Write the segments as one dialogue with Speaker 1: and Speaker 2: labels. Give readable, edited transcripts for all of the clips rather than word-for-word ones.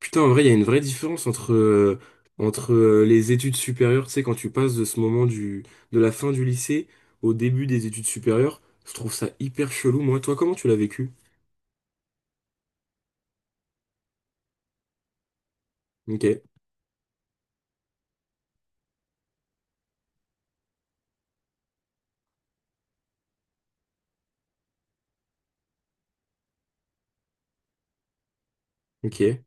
Speaker 1: Putain, en vrai, il y a une vraie différence entre les études supérieures, tu sais, quand tu passes de ce moment de la fin du lycée au début des études supérieures, je trouve ça hyper chelou, moi. Toi, comment tu l'as vécu? Ok, ok,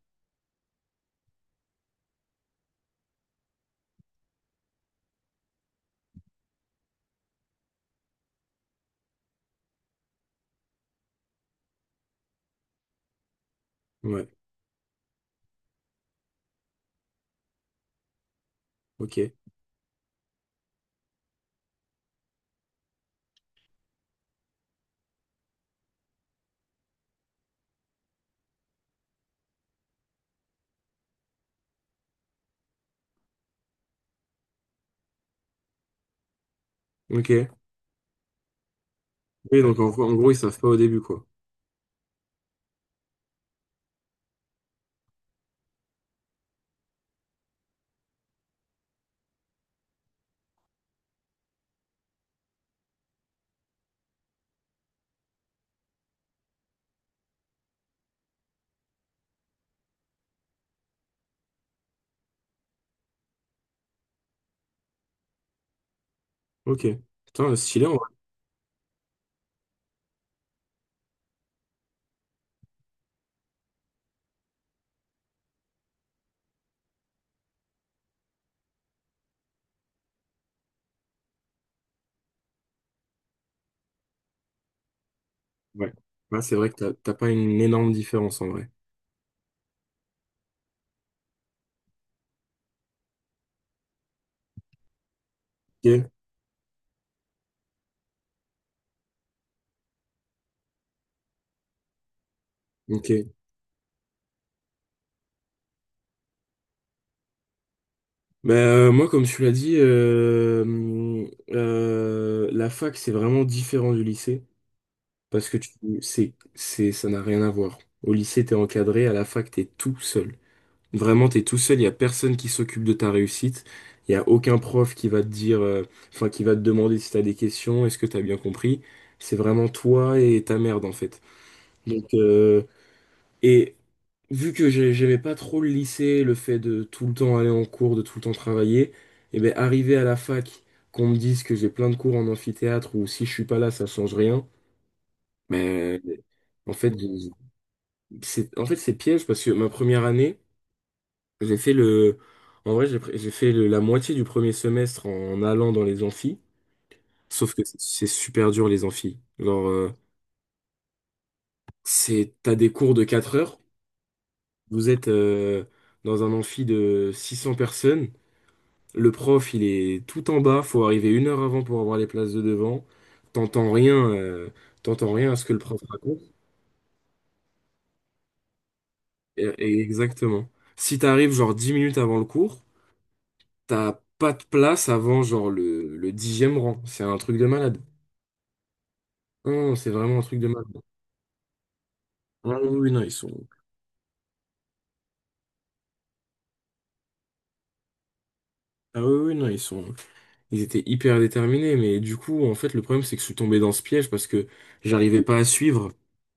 Speaker 1: ouais, ok, ok. Oui, donc en gros, ils savent pas au début, quoi. Ok. Putain, stylé, en vrai. Ouais. Ouais, c'est vrai que t'as pas une énorme différence, en vrai. Ok, ok. Bah, moi, comme tu l'as dit, la fac, c'est vraiment différent du lycée. Parce que tu, c'est, ça n'a rien à voir. Au lycée, t'es encadré, à la fac, t'es tout seul. Vraiment, t'es tout seul, il n'y a personne qui s'occupe de ta réussite. Il n'y a aucun prof qui va te dire, enfin, qui va te demander si t'as des questions, est-ce que t'as bien compris. C'est vraiment toi et ta merde, en fait. Donc, et j'aimais pas trop le lycée, le fait de tout le temps aller en cours, de tout le temps travailler, et ben, arrivé à la fac, qu'on me dise que j'ai plein de cours en amphithéâtre ou si je suis pas là, ça change rien. Mais en fait, c'est piège parce que ma première année, j'ai fait le en vrai, la moitié du premier semestre en allant dans les amphis, sauf que c'est super dur les amphis. Genre c'est t'as des cours de 4 heures, vous êtes dans un amphi de 600 personnes, le prof, il est tout en bas, faut arriver 1 heure avant pour avoir les places de devant. T'entends rien euh, t'entends rien à ce que le prof raconte. Et exactement. Si t'arrives genre 10 minutes avant le cours, t'as pas de place avant genre le 10e rang. C'est un truc de malade. Non, c'est vraiment un truc de malade. Ah oui, oui, non, ils sont. Ah oui, oui, non, ils sont. Ils étaient hyper déterminés, mais du coup, en fait, le problème, c'est que je suis tombé dans ce piège parce que j'arrivais pas à suivre.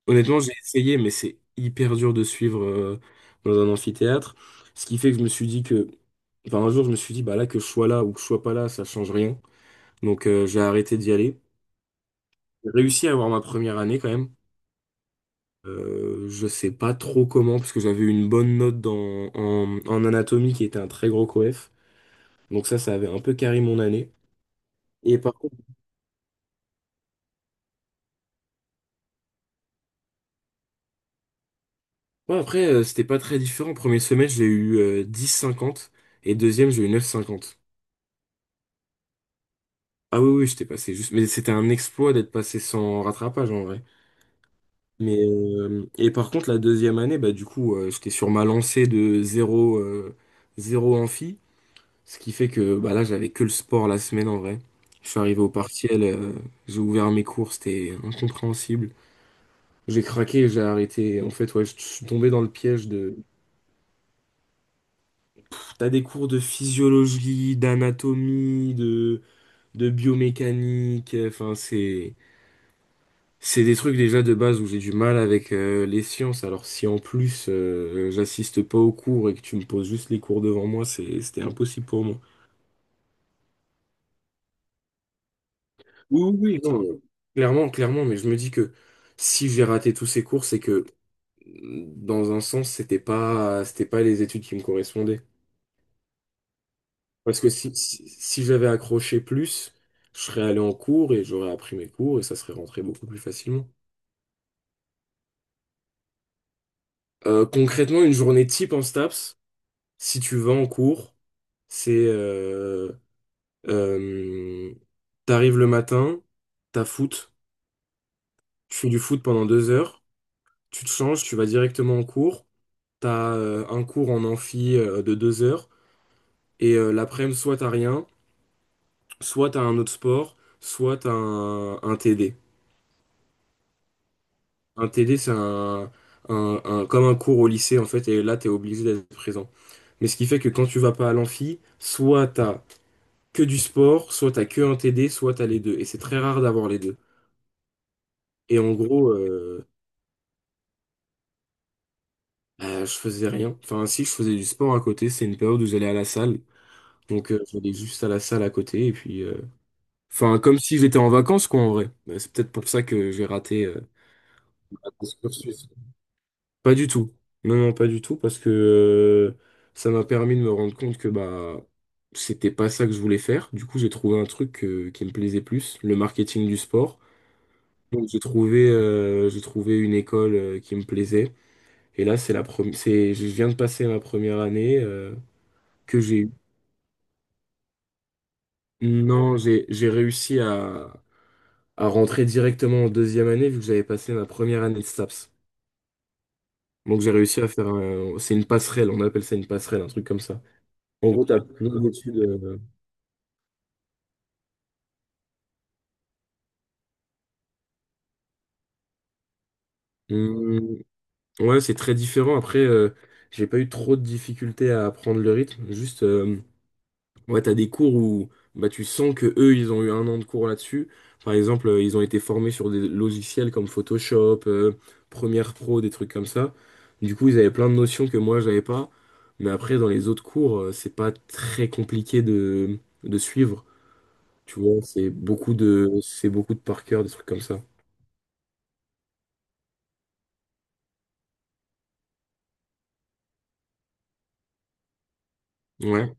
Speaker 1: Honnêtement, j'ai essayé, mais c'est hyper dur de suivre dans un amphithéâtre. Ce qui fait que je me suis dit que. Enfin, un jour, je me suis dit, bah là, que je sois là ou que je sois pas là, ça change rien. Donc, j'ai arrêté d'y aller. J'ai réussi à avoir ma première année quand même. Je sais pas trop comment, parce que j'avais une bonne note en anatomie qui était un très gros coef. Donc ça avait un peu carré mon année. Et par contre, ouais, après, c'était pas très différent. Premier semestre, j'ai eu 10,50 et deuxième, j'ai eu 9,50. Ah oui, oui, j'étais passé juste. Mais c'était un exploit d'être passé sans rattrapage en vrai. Mais, et par contre, la deuxième année, bah, du coup, j'étais sur ma lancée de zéro 0 amphi. Ce qui fait que bah là, j'avais que le sport la semaine en vrai. Je suis arrivé au partiel, j'ai ouvert mes cours, c'était incompréhensible. J'ai craqué, j'ai arrêté. En fait, ouais, je suis tombé dans le piège de... Pff, t'as des cours de physiologie, d'anatomie, de biomécanique. Enfin, c'est... C'est des trucs déjà de base où j'ai du mal avec les sciences. Alors si en plus j'assiste pas aux cours et que tu me poses juste les cours devant moi, c'était impossible pour moi. Oui, oui, oui, non, clairement, clairement, mais je me dis que si j'ai raté tous ces cours, c'est que mmh, dans un sens, c'était pas les études qui me correspondaient. Parce que si j'avais accroché plus, je serais allé en cours et j'aurais appris mes cours et ça serait rentré beaucoup plus facilement. Concrètement, une journée type en STAPS, si tu vas en cours, c'est euh, t'arrives le matin, t'as foot, tu fais du foot pendant 2 heures, tu te changes, tu vas directement en cours. T'as un cours en amphi de 2 heures et l'après-midi, soit t'as rien, soit t'as un autre sport, soit t'as un TD. Un TD, c'est comme un cours au lycée en fait, et là t'es obligé d'être présent. Mais ce qui fait que quand tu vas pas à l'amphi, soit t'as que du sport, soit t'as que un TD, soit t'as les deux. Et c'est très rare d'avoir les deux. Et en gros, bah, je faisais rien. Enfin, si je faisais du sport à côté, c'est une période où j'allais à la salle. Donc j'allais juste à la salle à côté et puis, enfin, comme si j'étais en vacances, quoi, en vrai. Mais c'est peut-être pour ça que j'ai raté ce cursus. Pas du tout. Non, non, pas du tout, parce que ça m'a permis de me rendre compte que bah c'était pas ça que je voulais faire. Du coup, j'ai trouvé un truc qui me plaisait plus, le marketing du sport. Donc, j'ai trouvé une école qui me plaisait. Et là, c'est la première, c'est, je viens de passer ma première année que j'ai eue. Non, j'ai réussi à, rentrer directement en deuxième année vu que j'avais passé ma première année de STAPS. Donc j'ai réussi à faire un... C'est une passerelle, on appelle ça une passerelle, un truc comme ça. En gros, t'as plein d'études... hum, ouais, c'est très différent. Après, j'ai pas eu trop de difficultés à apprendre le rythme. Juste, ouais, t'as des cours où bah, tu sens que eux, ils ont eu un an de cours là-dessus. Par exemple, ils ont été formés sur des logiciels comme Photoshop, Premiere Pro, des trucs comme ça. Du coup, ils avaient plein de notions que moi, j'avais pas. Mais après, dans les autres cours, c'est pas très compliqué de suivre. Tu vois, c'est beaucoup de par cœur, des trucs comme ça. Ouais.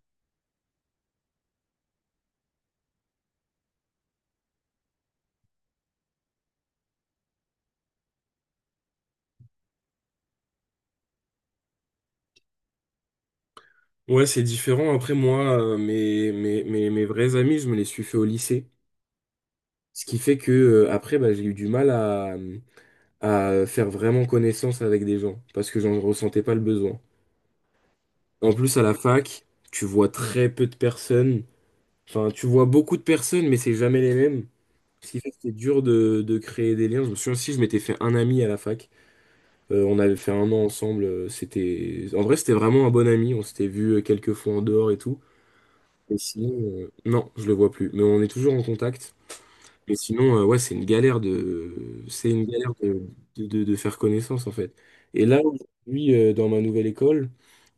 Speaker 1: Ouais, c'est différent. Après, moi, mes vrais amis, je me les suis fait au lycée. Ce qui fait que, après, bah, j'ai eu du mal à faire vraiment connaissance avec des gens parce que j'en ressentais pas le besoin. En plus, à la fac, tu vois très peu de personnes. Enfin, tu vois beaucoup de personnes, mais c'est jamais les mêmes. Ce qui fait que c'est dur de créer des liens. Je me souviens aussi, je m'étais fait un ami à la fac. On avait fait un an ensemble. En vrai, c'était vraiment un bon ami. On s'était vu quelques fois en dehors et tout. Et sinon, non, je le vois plus. Mais on est toujours en contact. Mais sinon, ouais, c'est une galère de faire connaissance en fait. Et là, aujourd'hui, dans ma nouvelle école,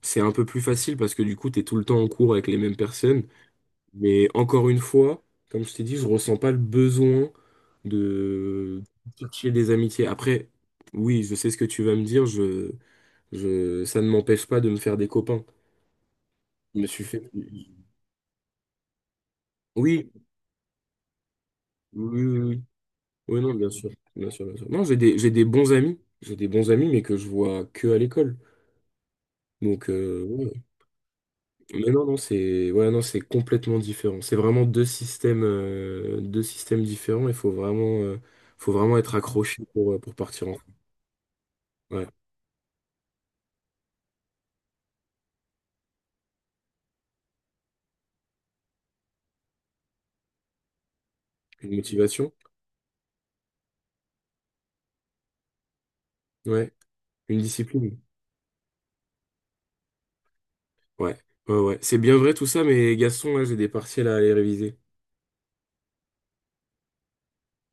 Speaker 1: c'est un peu plus facile parce que du coup, t'es tout le temps en cours avec les mêmes personnes. Mais encore une fois, comme je t'ai dit, je ressens pas le besoin de chercher des amitiés. Après, oui, je sais ce que tu vas me dire. Ça ne m'empêche pas de me faire des copains. Je me suis fait. Oui, oui, oui, oui. Oui, non, bien sûr. Bien sûr, bien sûr. Non, j'ai des bons amis. J'ai des bons amis, mais que je vois que à l'école. Donc, ouais. Mais non, non, c'est ouais, non, c'est complètement différent. C'est vraiment deux systèmes différents. Il faut vraiment être accroché pour partir en. Ouais. Une motivation. Ouais. Une discipline. Ouais. Ouais, ouais. C'est bien vrai tout ça, mais Gaston, là, j'ai des partiels à aller réviser.